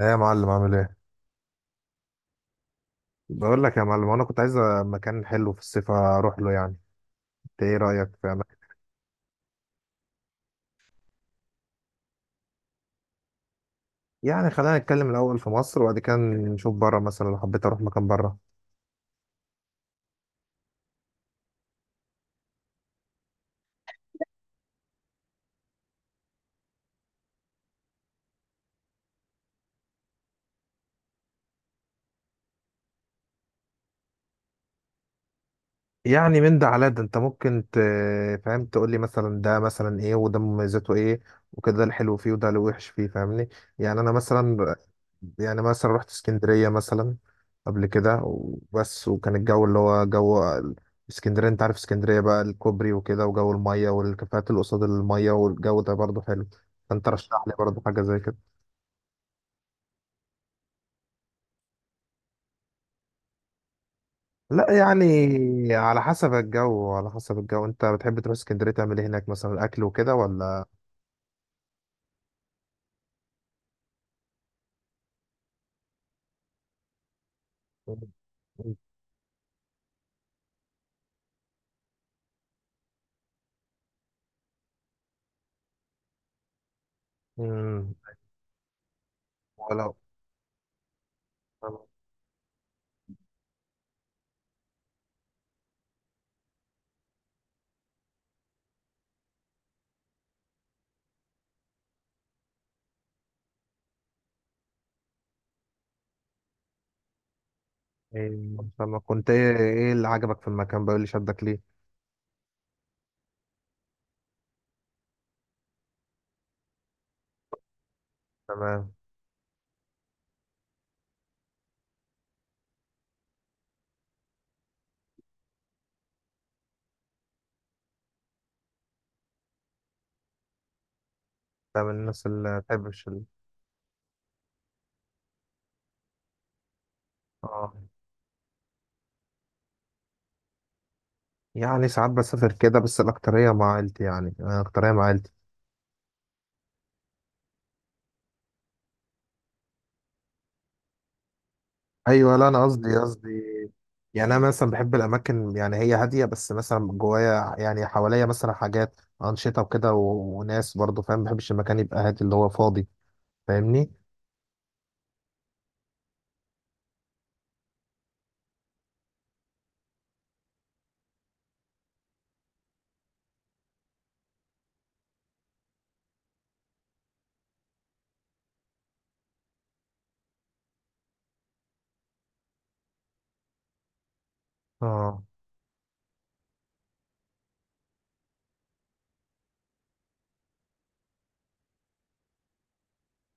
ايه يا معلم، عامل ايه؟ بقول لك يا معلم انا كنت عايز مكان حلو في الصيف اروح له، يعني انت ايه رايك في اماكن؟ يعني خلينا نتكلم الاول في مصر وبعد كده نشوف بره، مثلا لو حبيت اروح مكان بره. يعني من ده على ده انت ممكن فاهم، تقول لي مثلا ده مثلا ايه وده مميزاته ايه وكده، ده الحلو فيه وده الوحش فيه، فاهمني؟ يعني انا مثلا، يعني مثلا رحت اسكندرية مثلا قبل كده وبس، وكان الجو اللي هو جو اسكندرية، انت عارف اسكندرية بقى، الكوبري وكده وجو المية والكافيهات اللي قصاد المية، والجو ده برضه حلو، فانت رشح لي برضه حاجة زي كده. لا يعني على حسب الجو، على حسب الجو انت بتحب تروح اسكندرية تعمل ايه هناك، مثلا اكل وكده ولا؟ مم. ولو إيه، فما كنت، ايه ايه اللي عجبك في المكان بقى، إيه اللي شدك ليه؟ تمام، ده من الناس اللي بتحبش اه. يعني ساعات بسافر كده بس الاكتريه مع عيلتي، يعني انا الاكتريه مع عيلتي. ايوه لا، انا قصدي قصدي يعني، انا مثلا بحب الاماكن يعني هي هاديه، بس مثلا جوايا يعني حواليا مثلا حاجات انشطه وكده وناس برضو، فاهم؟ ما بحبش المكان يبقى هادي اللي هو فاضي، فاهمني؟ اه،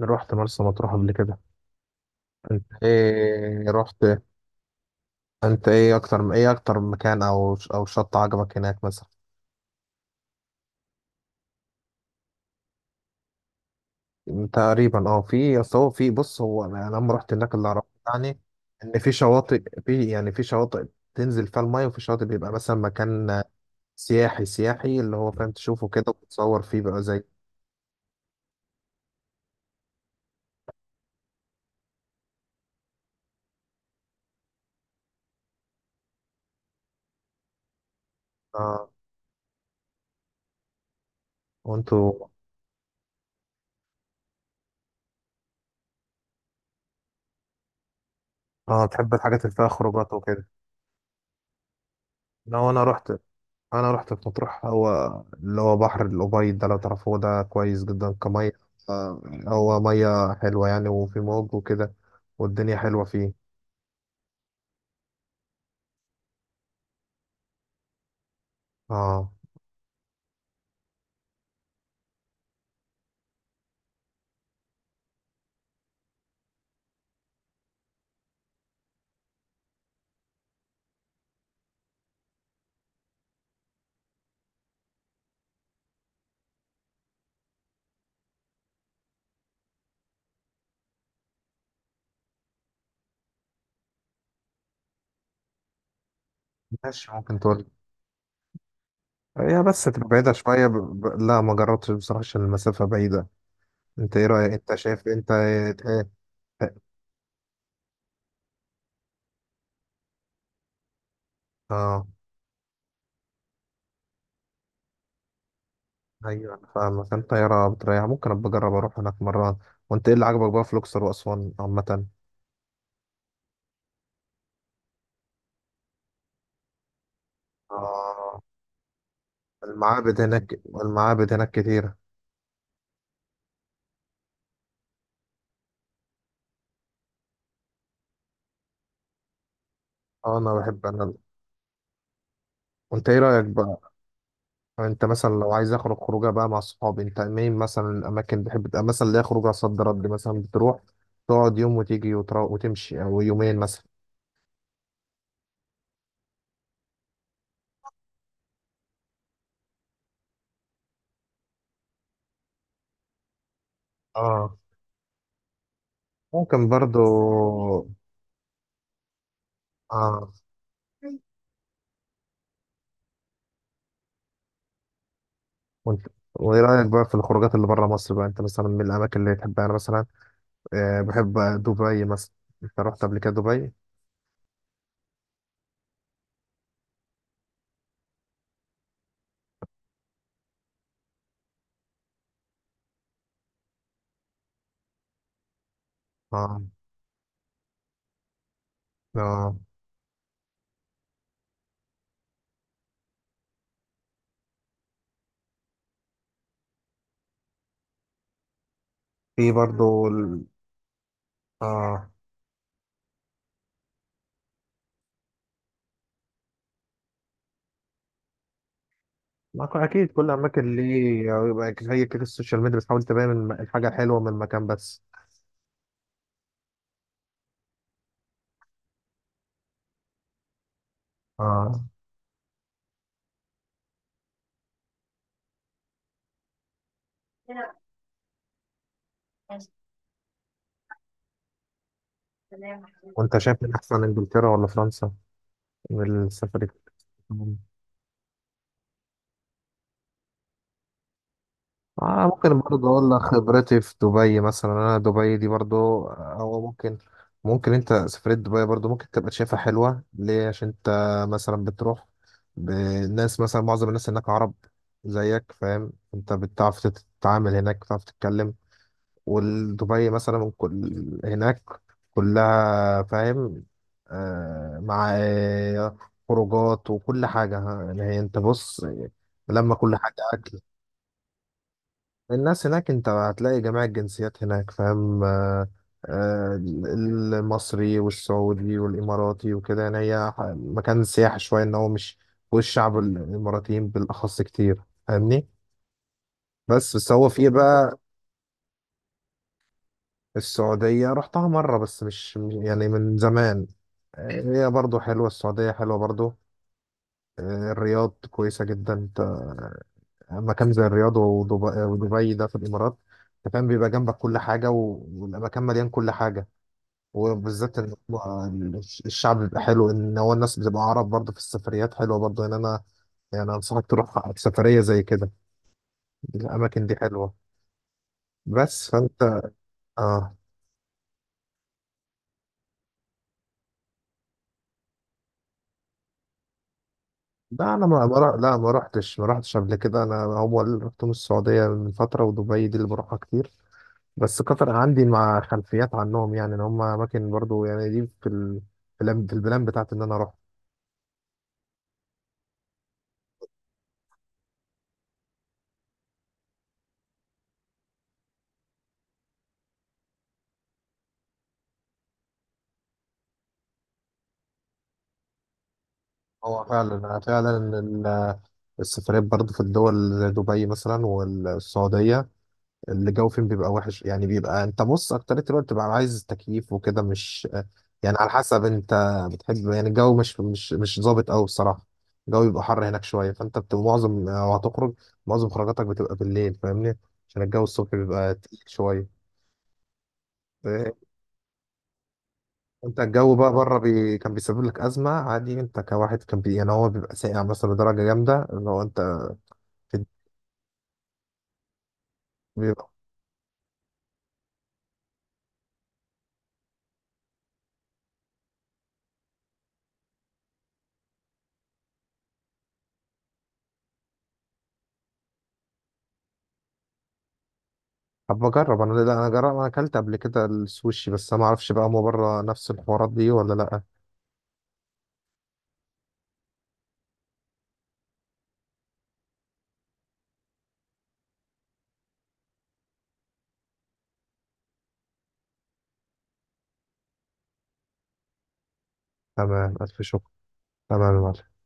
رحت مرسى مطروح قبل كده. انت ايه رحت، انت ايه اكتر، ايه اكتر مكان او او شط عجبك هناك مثلا؟ تقريبا اه، في اصل هو في، بص هو انا لما رحت هناك اللي عرفت يعني ان في شواطئ، في يعني في شواطئ تنزل فيها الميه، وفي شواطئ بيبقى مثلا مكان سياحي، سياحي اللي هو فاهم تشوفه كده وتتصور فيه بقى زي. آه، وانتوا. اه تحب الحاجات اللي فيها خروجات وكده. لو انا رحت، انا رحت في مطروح هو اللي هو بحر الأبيض ده، لو تعرفوه ده كويس جدا كمية. آه، هو مية حلوة يعني، وفي موج وكده والدنيا حلوة فيه. اه، ماشي ممكن تقول. هي بس تبقى بعيدة شوية لا ما جربتش بصراحة، عشان المسافة بعيدة. انت ايه رأيك، انت شايف انت ايه؟ اه ايوه، انا فاهمك. انت يا بتريح، ممكن ابقى اجرب اروح هناك مرة. وانت ايه اللي عجبك بقى في الاقصر واسوان عامة؟ اه، المعابد هناك، المعابد هناك كتير. اه، انا بحب انا. وانت ايه رأيك بقى؟ يعني انت مثلا لو عايز اخرج خروجه بقى مع صحابي، انت مين مثلا، الاماكن بتحب تبقى مثلا ليها خروجه صد رد، مثلا بتروح تقعد يوم وتيجي وتمشي او يومين مثلا؟ اه، ممكن برضو. اه، وانت وايه رأيك بقى في الخروجات اللي بره مصر بقى؟ انت مثلا من الاماكن اللي تحبها، انا مثلا آه بحب دبي مثلا. انت رحت قبل كده دبي؟ اه. اه، في برضو اه. ما هو اكيد كل اماكن ليه يبقى زي كده، السوشيال ميديا بتحاول تبين الحاجه الحلوه من المكان بس. آه. وانت شايف من احسن، انجلترا ولا فرنسا، من السفر؟ آه، ممكن برضه اقول لك خبرتي في دبي مثلا. انا دبي دي برضه، او ممكن، ممكن، انت سفرية دبي برضه ممكن تبقى شايفها حلوة ليه؟ عشان انت مثلا بتروح بالناس، مثلا معظم الناس هناك عرب زيك، فاهم؟ انت بتعرف تتعامل هناك، بتعرف تتكلم. ودبي مثلا كل هناك كلها، فاهم؟ آه، مع خروجات وكل حاجة ها، يعني هي انت بص، لما كل حاجة أكل. الناس هناك انت هتلاقي جميع الجنسيات هناك، فاهم؟ آه آه، المصري والسعودي والإماراتي وكده. يعني هي مكان سياحي شوية، ان هو مش، والشعب الإماراتيين بالأخص كتير، فاهمني؟ بس بس هو فيه بقى، السعودية رحتها مرة بس، مش يعني من زمان. آه، هي برضو حلوة، السعودية حلوة برضو. آه، الرياض كويسة جدا. انت مكان زي الرياض ودبي, ودبي ده في الإمارات، انت فاهم، بيبقى جنبك كل حاجة، والمكان مليان كل حاجة. وبالذات إن هو الشعب بيبقى حلو، إن هو الناس بتبقى عرب برضو في السفريات، حلوة برضو إن أنا يعني أنصحك تروح سفرية زي كده، الأماكن دي حلوة. بس فأنت، آه لا، أنا ما ما رح- لا ما رحتش قبل كده. أنا هو اللي رحتهم السعودية من فترة، ودبي دي اللي بروحها كتير. بس قطر عندي مع خلفيات عنهم، يعني ان هم اماكن برضو يعني دي في البلان، في البلان بتاعتي ان انا اروح. هو فعلا فعلا ال- السفريات برضو في الدول زي دبي مثلا والسعودية الجو فين بيبقى وحش، يعني بيبقى انت بص اكتر الوقت بتبقى عايز تكييف وكده، مش يعني على حسب انت بتحب يعني. الجو مش مش مش ظابط قوي الصراحة، الجو بيبقى حر هناك شوية، فانت بتبقى معظم، لو هتخرج معظم خروجاتك بتبقى بالليل، فاهمني؟ عشان الجو الصبح بيبقى تقيل شوية. انت الجو بقى بره كان بيسبب لك ازمه عادي انت كواحد يعني هو بيبقى ساقع مثلا لدرجه جامده اللي هو انت في... بيبقى. طب بجرب انا، لا انا جرب، انا اكلت قبل كده السوشي، بس انا ما اعرفش بقى هو بره نفس الحوارات دي ولا لا. تمام، الف شكر. تمام يا معلم.